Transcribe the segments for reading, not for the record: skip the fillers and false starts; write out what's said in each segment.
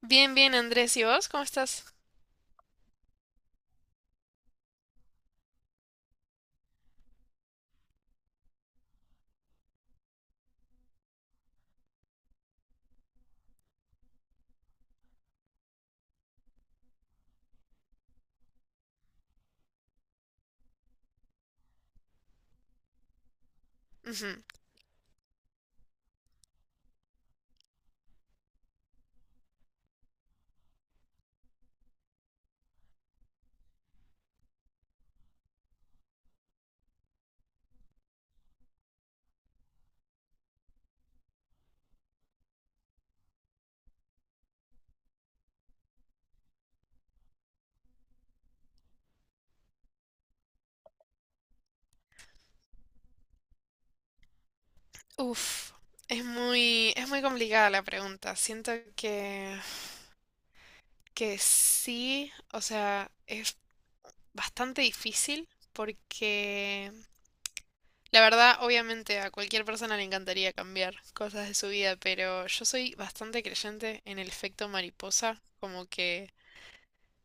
Bien, bien, Andrés. ¿Y vos? ¿Cómo estás? Ujú. Uf, es muy complicada la pregunta. Siento que sí, o sea, es bastante difícil porque la verdad, obviamente a cualquier persona le encantaría cambiar cosas de su vida, pero yo soy bastante creyente en el efecto mariposa, como que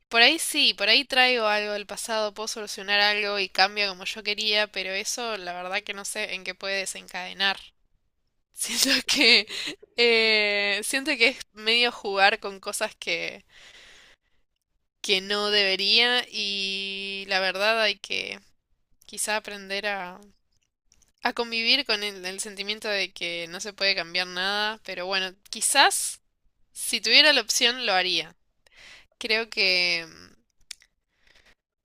por ahí sí, por ahí traigo algo del pasado, puedo solucionar algo y cambia como yo quería, pero eso la verdad que no sé en qué puede desencadenar. Siento que siento que es medio jugar con cosas que no debería y la verdad hay que quizá aprender a convivir con el sentimiento de que no se puede cambiar nada, pero bueno, quizás si tuviera la opción lo haría. Creo que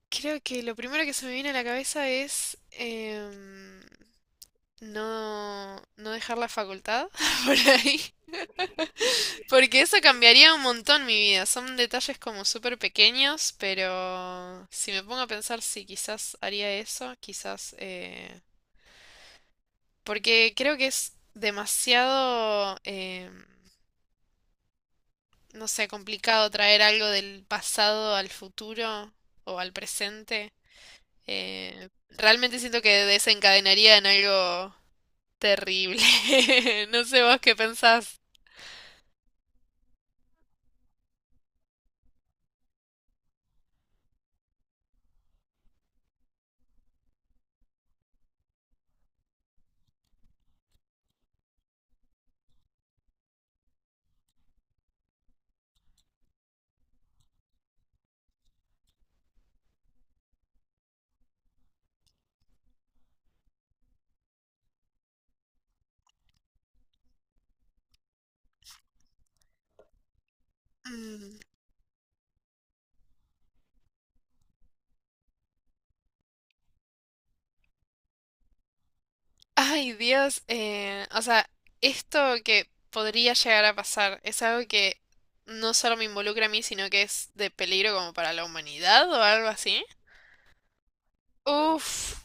creo que lo primero que se me viene a la cabeza es no dejar la facultad por ahí, porque eso cambiaría un montón mi vida. Son detalles como súper pequeños, pero si me pongo a pensar sí quizás haría eso, quizás porque creo que es demasiado no sé, complicado traer algo del pasado al futuro o al presente. Realmente siento que desencadenaría en algo terrible. No sé vos qué pensás. Mm. Ay, Dios. O sea, esto que podría llegar a pasar es algo que no solo me involucra a mí, sino que es de peligro como para la humanidad o algo así. Uf.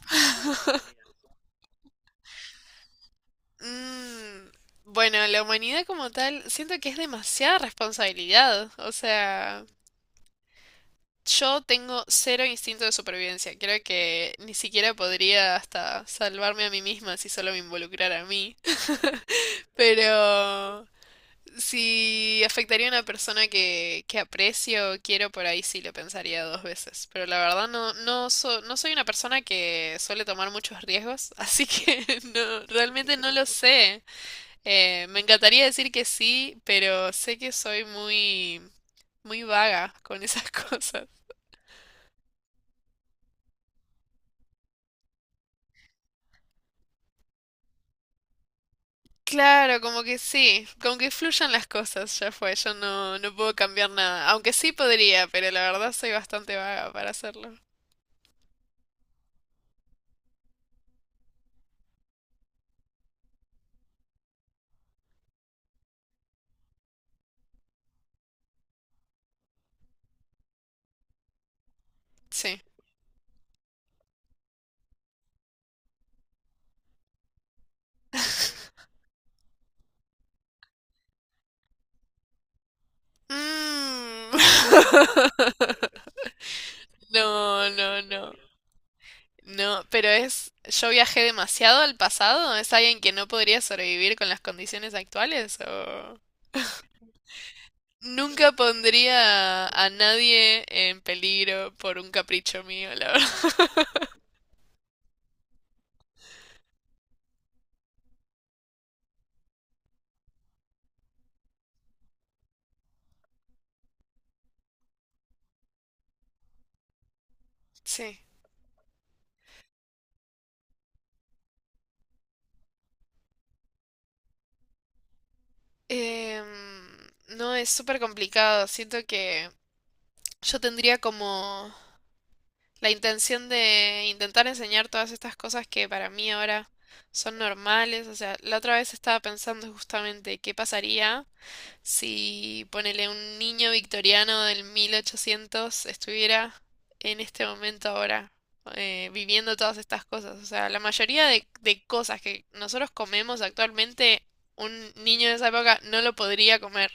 Mm, bueno, la humanidad como tal, siento que es demasiada responsabilidad. O sea, yo tengo cero instinto de supervivencia. Creo que ni siquiera podría hasta salvarme a mí misma si solo me involucrara a mí. Pero si afectaría a una persona que aprecio o quiero, por ahí sí lo pensaría dos veces. Pero la verdad no, no, no soy una persona que suele tomar muchos riesgos, así que no, realmente no lo sé. Me encantaría decir que sí, pero sé que soy muy, muy vaga con esas cosas. Claro, como que sí, como que fluyan las cosas, ya fue, yo no puedo cambiar nada, aunque sí podría, pero la verdad soy bastante vaga para hacerlo. Sí. Mm. No, no, no, no, pero yo viajé demasiado al pasado. ¿Es alguien que no podría sobrevivir con las condiciones actuales o...? Nunca pondría a nadie en peligro por un capricho mío, la verdad. Sí. Em, no, es súper complicado. Siento que yo tendría como la intención de intentar enseñar todas estas cosas que para mí ahora son normales. O sea, la otra vez estaba pensando justamente qué pasaría si ponele un niño victoriano del 1800 estuviera en este momento ahora viviendo todas estas cosas. O sea, la mayoría de cosas que nosotros comemos actualmente, un niño de esa época no lo podría comer.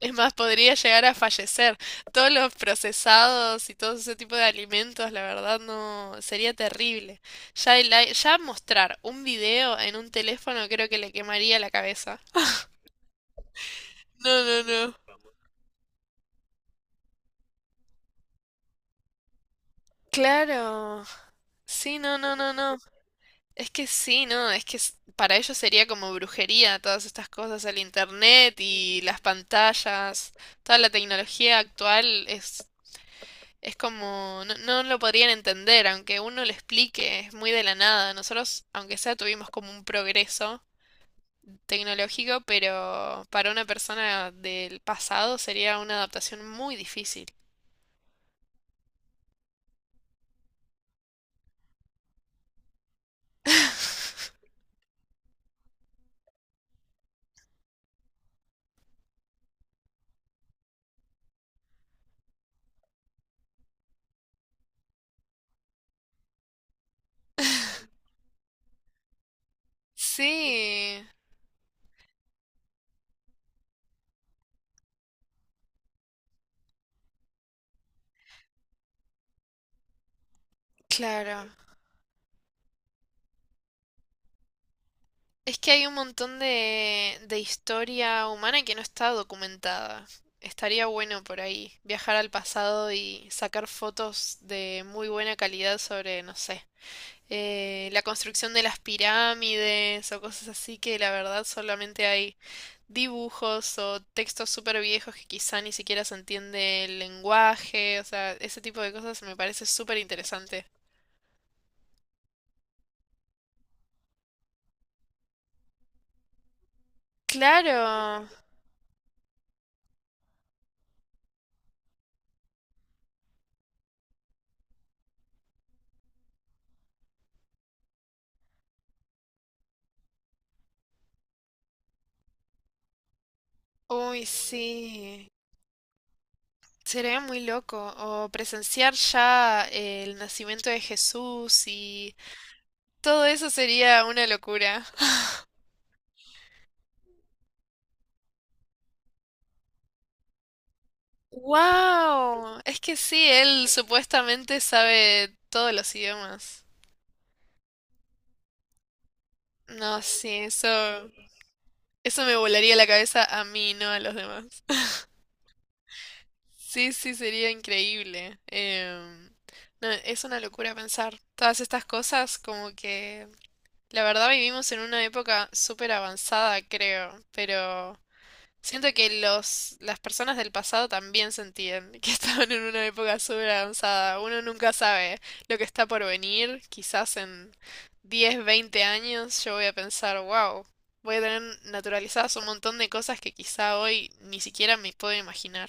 Es más, podría llegar a fallecer. Todos los procesados y todo ese tipo de alimentos, la verdad, no sería terrible. Ya, ya mostrar un video en un teléfono creo que le quemaría la cabeza. No, no, no. Claro. Sí, no, no, no, no. Es que sí, no, es que para ellos sería como brujería todas estas cosas, el internet y las pantallas, toda la tecnología actual es como, no, no lo podrían entender, aunque uno lo explique, es muy de la nada. Nosotros, aunque sea, tuvimos como un progreso tecnológico, pero para una persona del pasado sería una adaptación muy difícil. Sí, claro. Es que hay un montón de historia humana que no está documentada. Estaría bueno por ahí viajar al pasado y sacar fotos de muy buena calidad sobre, no sé, la construcción de las pirámides o cosas así que la verdad solamente hay dibujos o textos súper viejos que quizá ni siquiera se entiende el lenguaje. O sea, ese tipo de cosas me parece súper interesante. Claro. Uy, sí. Sería muy loco, o presenciar ya el nacimiento de Jesús y todo eso sería una locura. ¡Wow! Es que sí, él supuestamente sabe todos los idiomas. No, sí, eso me volaría la cabeza a mí, no a los demás. Sí, sí, sería increíble. No, es una locura pensar todas estas cosas, como que la verdad vivimos en una época súper avanzada, creo, pero siento que las personas del pasado también sentían que estaban en una época súper avanzada. Uno nunca sabe lo que está por venir. Quizás en 10 20 años yo voy a pensar, wow, voy a tener naturalizadas un montón de cosas que quizá hoy ni siquiera me puedo imaginar.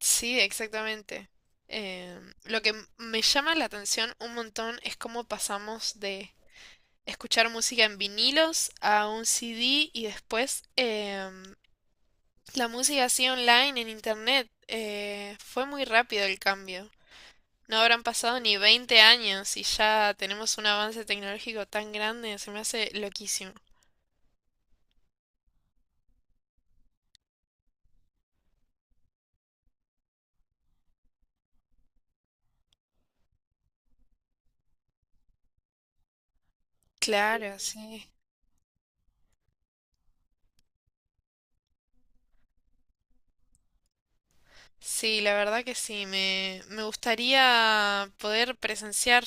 Sí, exactamente. Lo que me llama la atención un montón es cómo pasamos de escuchar música en vinilos a un CD y después, la música así online en internet, fue muy rápido el cambio. No habrán pasado ni 20 años y ya tenemos un avance tecnológico tan grande, se me hace loquísimo. Claro, sí. Sí, la verdad que sí, me gustaría poder presenciar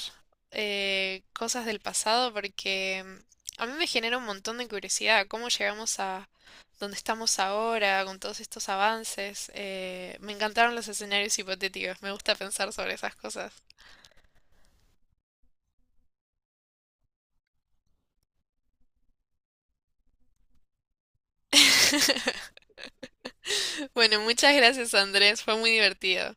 cosas del pasado porque a mí me genera un montón de curiosidad cómo llegamos a donde estamos ahora con todos estos avances. Me encantaron los escenarios hipotéticos, me gusta pensar sobre esas cosas. Bueno, muchas gracias Andrés, fue muy divertido.